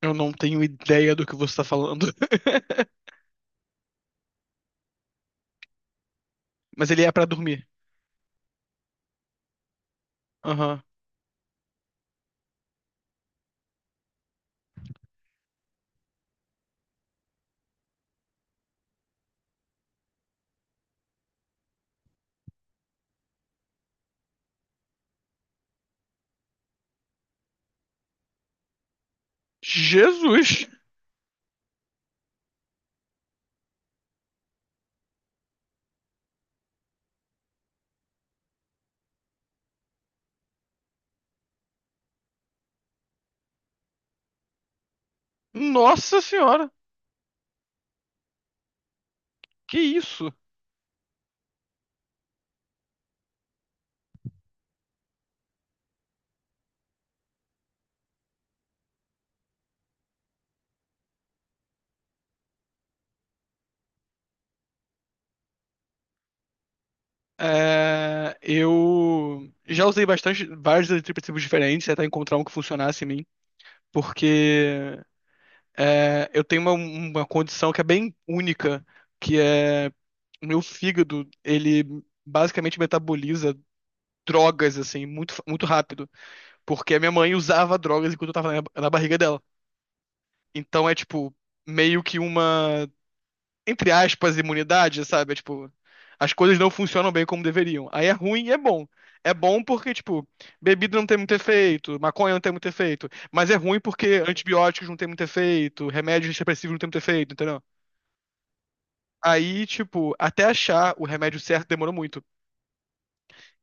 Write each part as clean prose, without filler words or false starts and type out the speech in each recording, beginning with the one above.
Eu não tenho ideia do que você tá falando. Mas ele é pra dormir. Aham. Jesus! Nossa senhora! Que isso? É, eu já usei bastante vários eletriprotipos diferentes até encontrar um que funcionasse em mim, porque é, eu tenho uma condição que é bem única, que é o meu fígado, ele basicamente metaboliza drogas assim muito, muito rápido, porque a minha mãe usava drogas enquanto eu tava na barriga dela. Então é tipo meio que uma, entre aspas, imunidade, sabe? É, tipo, as coisas não funcionam bem como deveriam. Aí é ruim e é bom. É bom porque, tipo, bebida não tem muito efeito, maconha não tem muito efeito, mas é ruim porque antibióticos não tem muito efeito, remédios depressivos não tem muito efeito, entendeu? Aí, tipo, até achar o remédio certo demorou muito.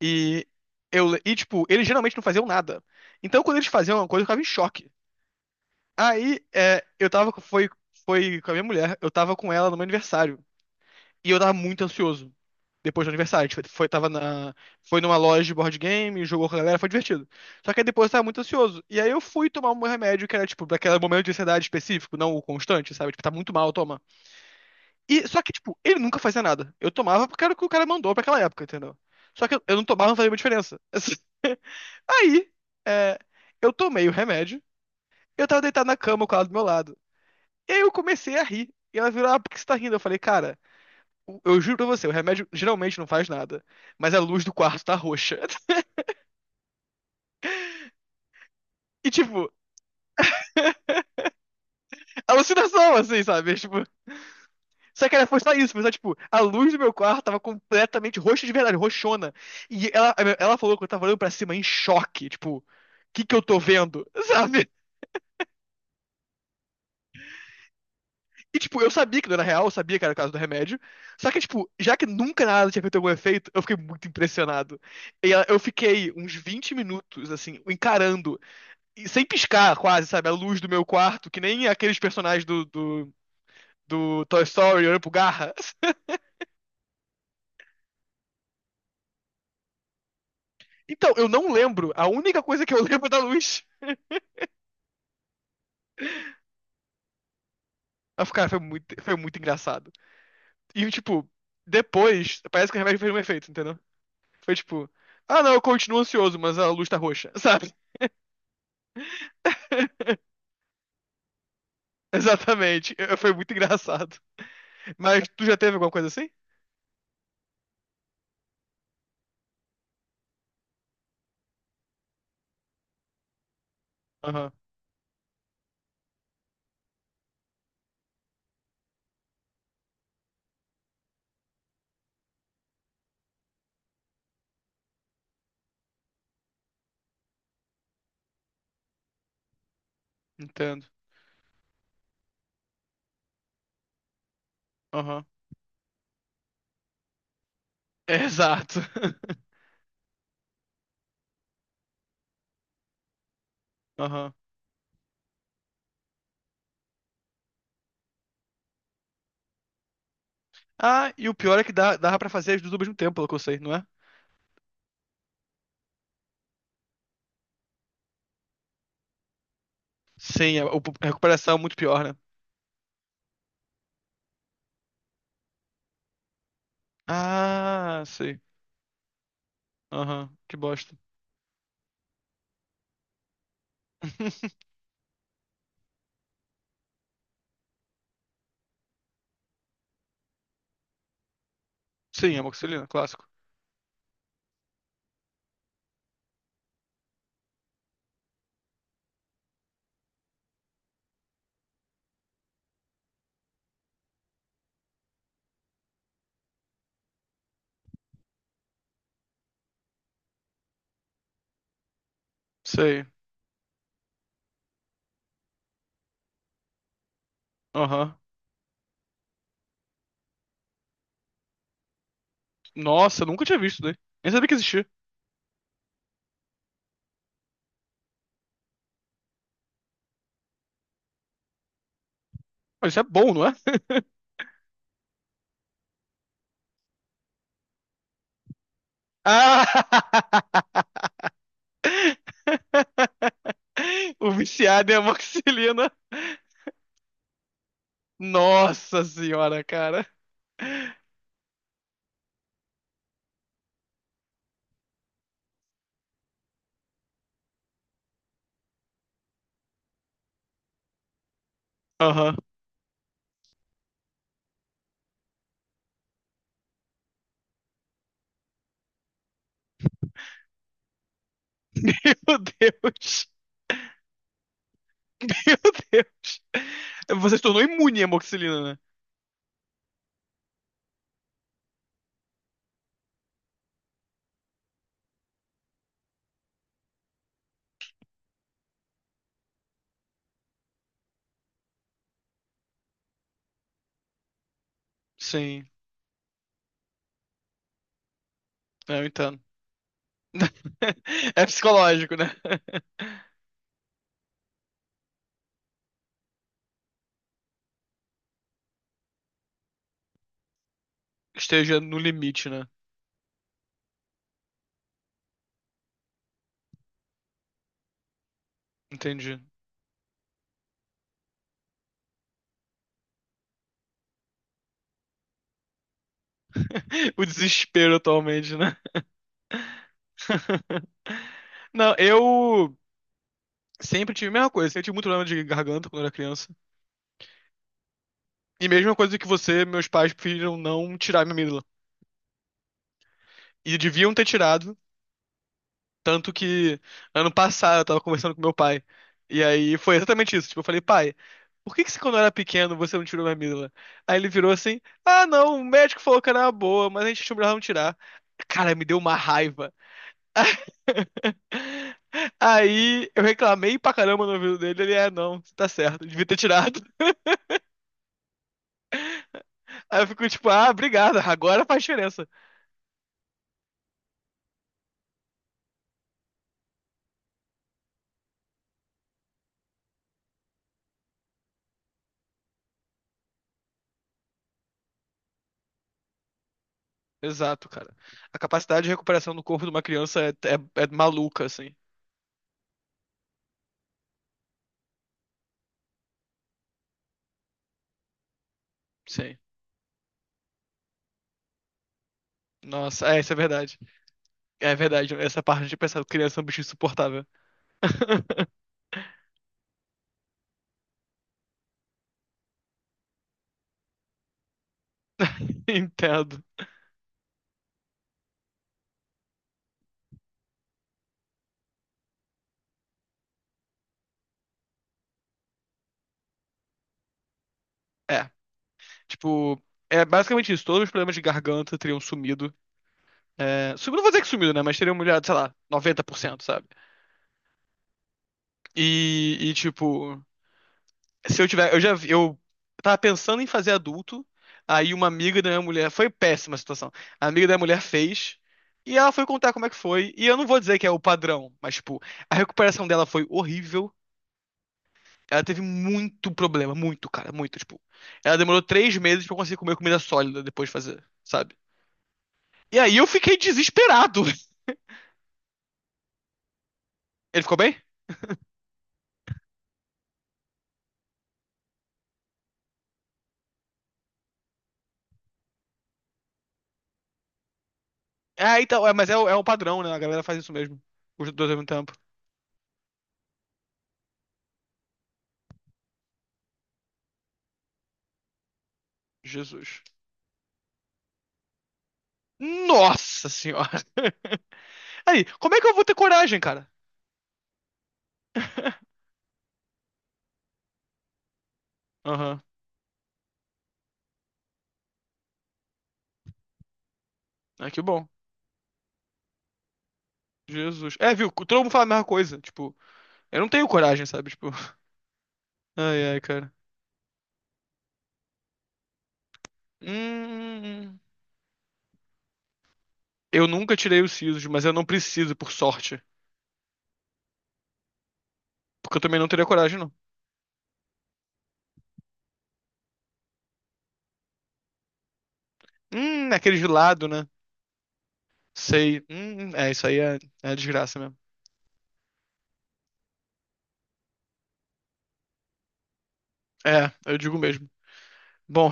E eu, e tipo, eles geralmente não faziam nada. Então, quando eles faziam uma coisa, eu ficava em choque. Aí, é, eu tava, foi, foi com a minha mulher, eu tava com ela no meu aniversário. E eu tava muito ansioso depois do aniversário. A gente foi, tava na, foi numa loja de board game, jogou com a galera, foi divertido. Só que aí depois eu tava muito ansioso. E aí eu fui tomar um remédio que era, tipo, daquele momento de ansiedade específico, não o constante, sabe? Tipo, tá muito mal, toma. E, só que, tipo, ele nunca fazia nada. Eu tomava porque era o que o cara mandou pra aquela época, entendeu? Só que eu não tomava, não fazia muita diferença. Aí, é, eu tomei o remédio, eu tava deitado na cama com ela do meu lado. E aí eu comecei a rir. E ela virou, ah, por que você tá rindo? Eu falei, cara, Eu juro pra você, o remédio geralmente não faz nada. Mas a luz do quarto tá roxa. E, tipo, alucinação, assim, sabe? Tipo, só que era, foi só isso, foi só, tipo, a luz do meu quarto tava completamente roxa de verdade, roxona. E ela falou que eu tava olhando pra cima em choque, tipo, o que que eu tô vendo, sabe? E, tipo, eu sabia que não era real, eu sabia que era o caso do remédio. Só que, tipo, já que nunca nada tinha feito algum efeito, eu fiquei muito impressionado. Eu fiquei uns 20 minutos, assim, encarando e sem piscar quase, sabe? A luz do meu quarto, que nem aqueles personagens do Toy Story olhando pro Garra. Então, eu não lembro. A única coisa que eu lembro é da luz. Aí, eu fico, cara, foi muito engraçado. E, tipo, depois, parece que o remédio fez um efeito, entendeu? Foi tipo, ah, não, eu continuo ansioso, mas a luz tá roxa, sabe? Exatamente. Foi muito engraçado. Mas tu já teve alguma coisa assim? Aham, entendo. Aham. Exato. Aham. Ah, e o pior é que dá, dava pra fazer as duas ao mesmo tempo, pelo que eu sei, não é? Sim, a recuperação é muito pior, né? Ah, sei. Aham, que bosta. Sim, amoxicilina, clássico. Sei. Aham. Nossa, nunca tinha visto isso daí. Nem sabia que existia. Mas isso é bom, não é? Ah! O viciado em amoxicilina. Nossa senhora, cara. Aham. Meu Deus. Meu Deus. Você se tornou imune à amoxicilina. Sim, é, eu entendo. É psicológico, né? Esteja no limite, né? Entendi. O desespero atualmente, né? Não, eu sempre tive a mesma coisa. Sempre tive muito problema de garganta quando era criança. E mesma coisa que você, meus pais preferiram não tirar minha amígdala. E deviam ter tirado. Tanto que ano passado eu tava conversando com meu pai. E aí foi exatamente isso. Tipo, eu falei, pai, por que que você, quando eu era pequeno você não tirou minha amígdala? Aí ele virou assim: ah, não, o médico falou que era uma boa, mas a gente achou melhor não tirar. Cara, me deu uma raiva. Aí eu reclamei pra caramba no ouvido dele. Ele, é, não, tá certo, devia ter tirado. Aí eu fico tipo, ah, obrigado, agora faz diferença. Exato, cara. A capacidade de recuperação do corpo de uma criança é, é maluca, assim. Sim. Nossa, é, isso é verdade. É verdade, essa parte de pensar criança é um bicho insuportável. Entendo. É, tipo, é basicamente isso. Todos os problemas de garganta teriam sumido. É, sumido, não vou dizer que sumido, né? Mas teriam melhorado, sei lá, 90%, sabe? Tipo, se eu tiver. Eu já. Eu tava pensando em fazer adulto. Aí uma amiga da minha mulher. Foi péssima a situação. A amiga da minha mulher fez. E ela foi contar como é que foi. E eu não vou dizer que é o padrão, mas, tipo, a recuperação dela foi horrível. Ela teve muito problema, muito, cara, muito, tipo. Ela demorou 3 meses pra eu conseguir comer comida sólida depois de fazer, sabe? E aí eu fiquei desesperado. Ele ficou bem? Ah, então, é, mas é, é um padrão, né? A galera faz isso mesmo. Os dois ao mesmo tempo. Jesus. Nossa senhora. Aí, como é que eu vou ter coragem, cara? Aham. Ah, que bom. Jesus. É, viu? Todo mundo fala a mesma coisa. Tipo, eu não tenho coragem, sabe? Tipo, ai, ai, cara. Hum, eu nunca tirei os sisos, mas eu não preciso, por sorte. Porque eu também não teria coragem, não. Aquele gelado, né? Sei. É, isso aí é, é desgraça mesmo. É, eu digo mesmo. Bom,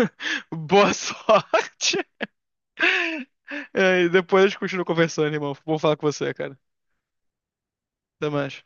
boa sorte. É, e depois a gente continua conversando, irmão. Vou falar com você, cara. Até mais.